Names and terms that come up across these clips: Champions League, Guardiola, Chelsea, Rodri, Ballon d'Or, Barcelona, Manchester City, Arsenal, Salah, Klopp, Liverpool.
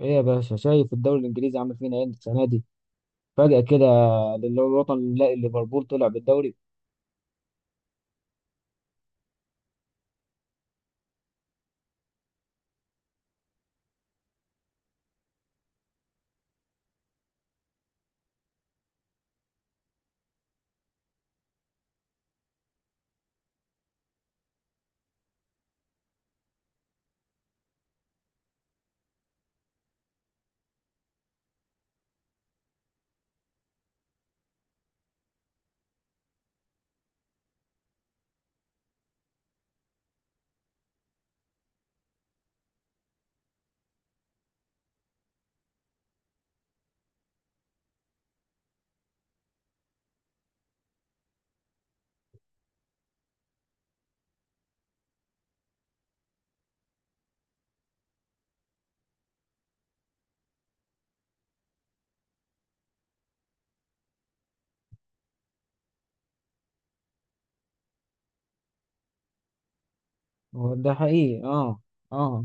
ايه يا باشا، شايف الدوري الانجليزي عامل فينا ايه السنه دي؟ فجاه كده للوطن نلاقي ليفربول طلع بالدوري. هو ده حقيقي. اه اه.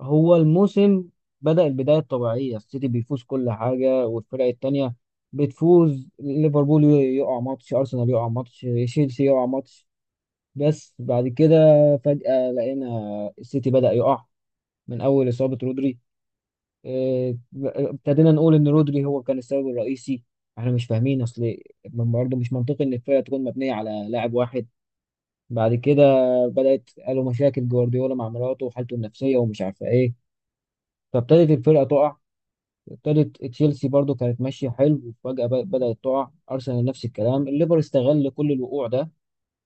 هو الموسم بدأ البدايه الطبيعيه، السيتي بيفوز كل حاجه والفرق التانيه بتفوز، ليفربول يقع ماتش، ارسنال يقع ماتش، تشيلسي يقع ماتش. بس بعد كده فجاه لقينا السيتي بدأ يقع من اول اصابه رودري. آه، ابتدينا نقول ان رودري هو كان السبب الرئيسي. احنا مش فاهمين، اصل برضه مش منطقي ان الفرقه تكون مبنيه على لاعب واحد. بعد كده بدات، قالوا مشاكل جوارديولا مع مراته وحالته النفسيه ومش عارفه ايه. فابتدت الفرقه تقع. ابتدت تشيلسي برضه كانت ماشيه حلو وفجاه بدات تقع، ارسنال نفس الكلام، الليفر استغل كل الوقوع ده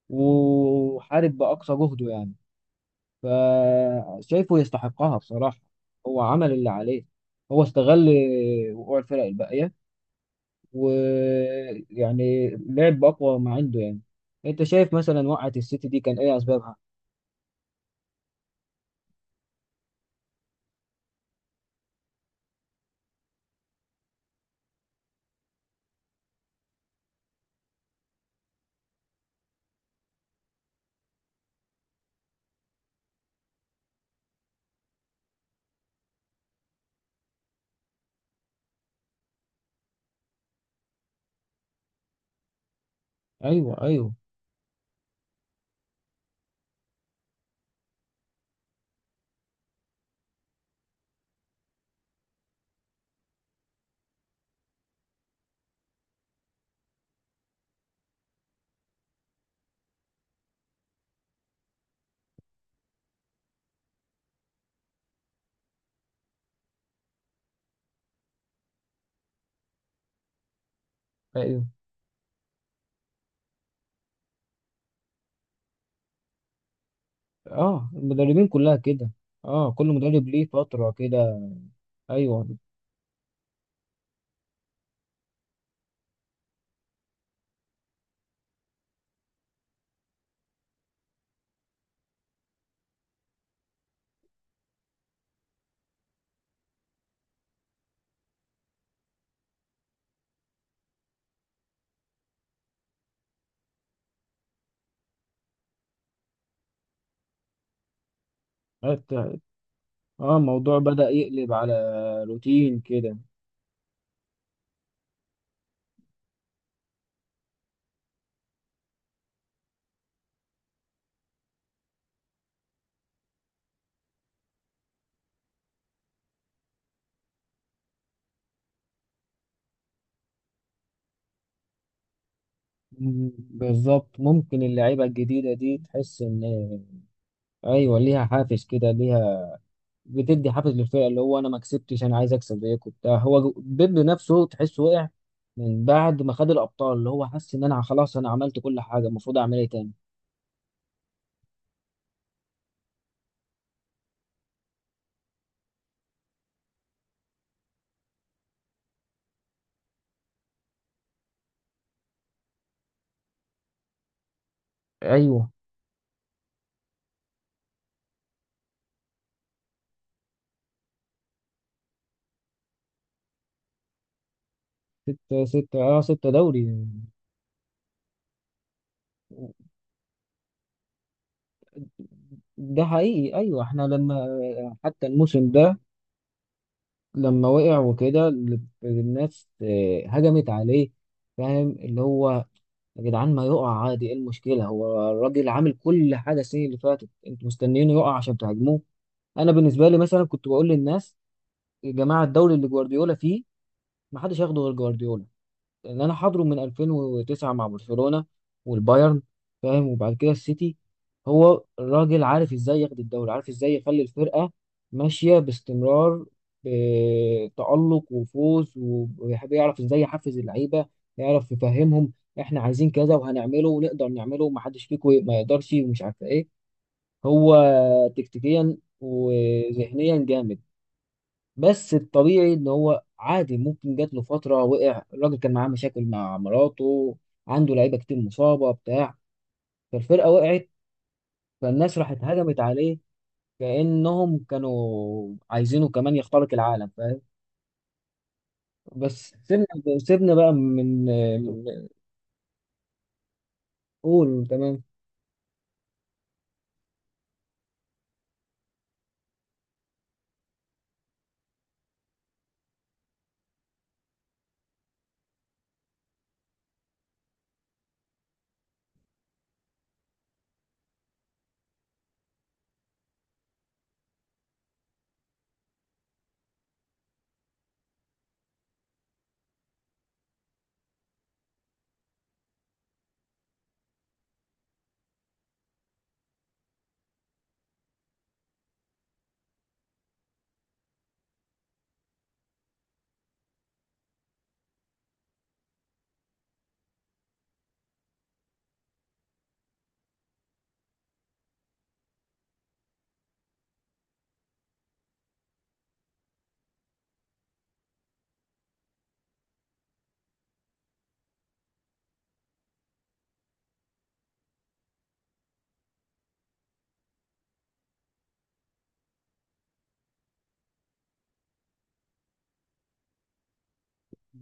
وحارب باقصى جهده يعني. فشايفه يستحقها بصراحه. هو عمل اللي عليه، هو استغل وقوع الفرق الباقيه ويعني لعب اقوى ما عنده يعني. انت شايف مثلا وقعت السيتي دي كان ايه اسبابها؟ ايوه ايوه ايوه. اه المدربين كلها كده، اه كل مدرب ليه فترة كده. ايوه. حتى اه الموضوع بدأ يقلب على روتين كده. مم، بالظبط، ممكن اللعيبة الجديدة دي تحس ان ايوه ليها حافز كده، ليها، بتدي حافز للفرقه، اللي هو انا ما كسبتش، انا عايز اكسب زيكم وبتاع. هو بيب نفسه تحسه وقع من بعد ما خد الابطال، اللي هو حس ان انا خلاص انا عملت كل حاجه، المفروض اعمل ايه تاني؟ ايوه ستة ستة اه ستة دوري. ده حقيقي ايوه. احنا لما حتى الموسم ده لما وقع وكده الناس هجمت عليه. فاهم اللي هو يا جدعان ما يقع عادي، ايه المشكلة؟ هو الراجل عامل كل حاجة السنة اللي فاتت، انتوا مستنيينه يقع عشان تهاجموه. انا بالنسبه لي مثلا كنت بقول للناس يا جماعه الدوري اللي جوارديولا فيه ما حدش ياخده غير جوارديولا، لان انا حاضره من 2009 مع برشلونه والبايرن، فاهم، وبعد كده السيتي. هو الراجل عارف ازاي ياخد الدوري، عارف ازاي يخلي الفرقه ماشيه باستمرار بتألق وفوز، وبيحب يعرف ازاي يحفز اللعيبه، يعرف يفهمهم احنا عايزين كذا وهنعمله ونقدر نعمله ومحدش فيكم ما يقدرش ومش عارف ايه. هو تكتيكيا وذهنيا جامد. بس الطبيعي ان هو عادي ممكن جات له فتره وقع، الراجل كان معاه مشاكل مع مراته، عنده لعيبه كتير مصابه بتاع، فالفرقه وقعت، فالناس راحت هجمت عليه كانهم كانوا عايزينه كمان يخترق العالم، فاهم. بس سيبنا، سيبنا بقى من قول تمام.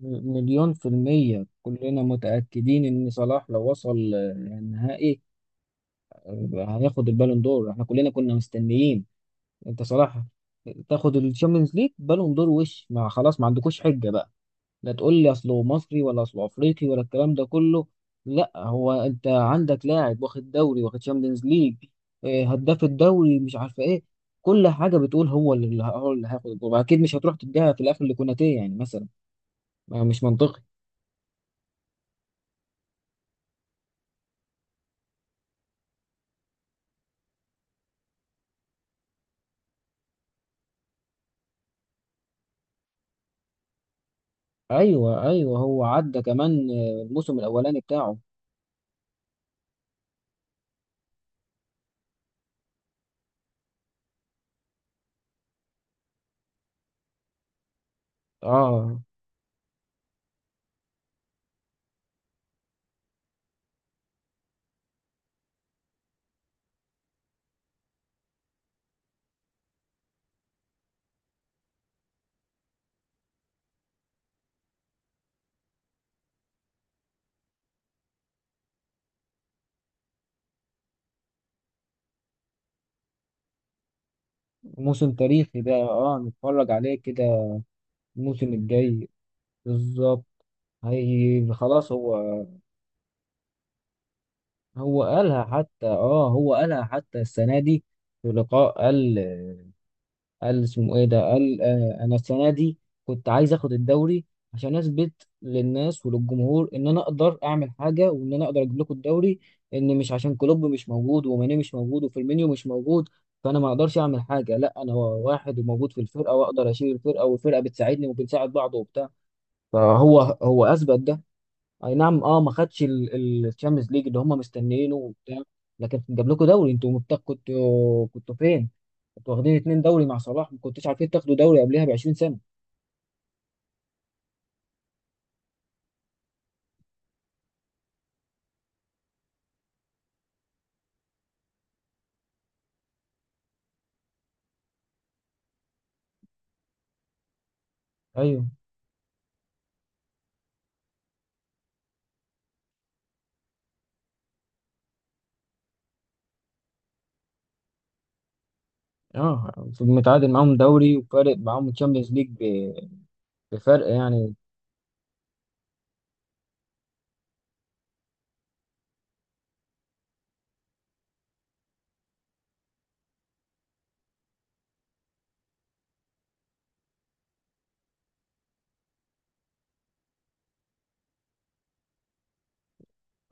مليون في المية كلنا متأكدين إن صلاح لو وصل النهائي هياخد البالون دور. احنا كلنا كنا مستنيين، انت صراحه تاخد الشامبيونز ليج، بالون دور، وش مع خلاص، ما عندكوش حجه بقى. لا تقول لي اصله مصري ولا اصله افريقي ولا الكلام ده كله. لا، هو انت عندك لاعب واخد دوري، واخد شامبيونز ليج، هداف الدوري، مش عارفه ايه، كل حاجه بتقول هو اللي هياخد الكوره اكيد، مش هتروح تديها في الاخر لكوناتيه يعني مثلا، ما مش منطقي. ايوه ايوه هو عدى كمان الموسم الاولاني بتاعه. اه موسم تاريخي ده، اه نتفرج عليه كده الموسم الجاي. بالظبط. هي خلاص هو، هو قالها حتى، اه هو قالها حتى السنة دي في لقاء، قال، قال اسمه ايه ده، قال آه انا السنة دي كنت عايز اخد الدوري عشان اثبت للناس وللجمهور ان انا اقدر اعمل حاجة، وان انا اقدر اجيب لكم الدوري، ان مش عشان كلوب مش موجود وماني مش موجود وفيرمينيو مش موجود فانا ما اقدرش اعمل حاجة، لا انا واحد وموجود في الفرقة واقدر اشيل الفرقة والفرقة بتساعدني وبنساعد بعض وبتاع. فهو هو اثبت ده. اي نعم اه ما خدش الشامبيونز ليج اللي هم مستنيينه وبتاع، لكن جاب لكم دوري. انتوا مبتغ كنتوا، كنتوا فين؟ كنتوا واخدين اتنين دوري مع صلاح، ما كنتوش عارفين تاخدوا دوري قبلها ب 20 سنه. ايوه اه. متعادل معاهم دوري وفارق معاهم الشامبيونز ليج بفرق يعني.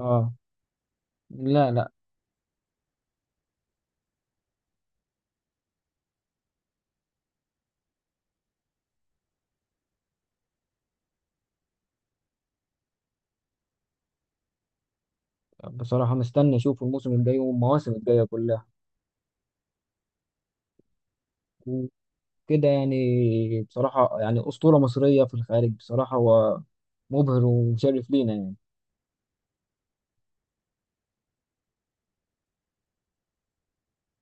اه لا لا، بصراحه مستني اشوف الموسم الجاي والمواسم الجايه كلها وكده يعني. بصراحه يعني اسطوره مصريه في الخارج، بصراحه هو مبهر ومشرف لينا يعني.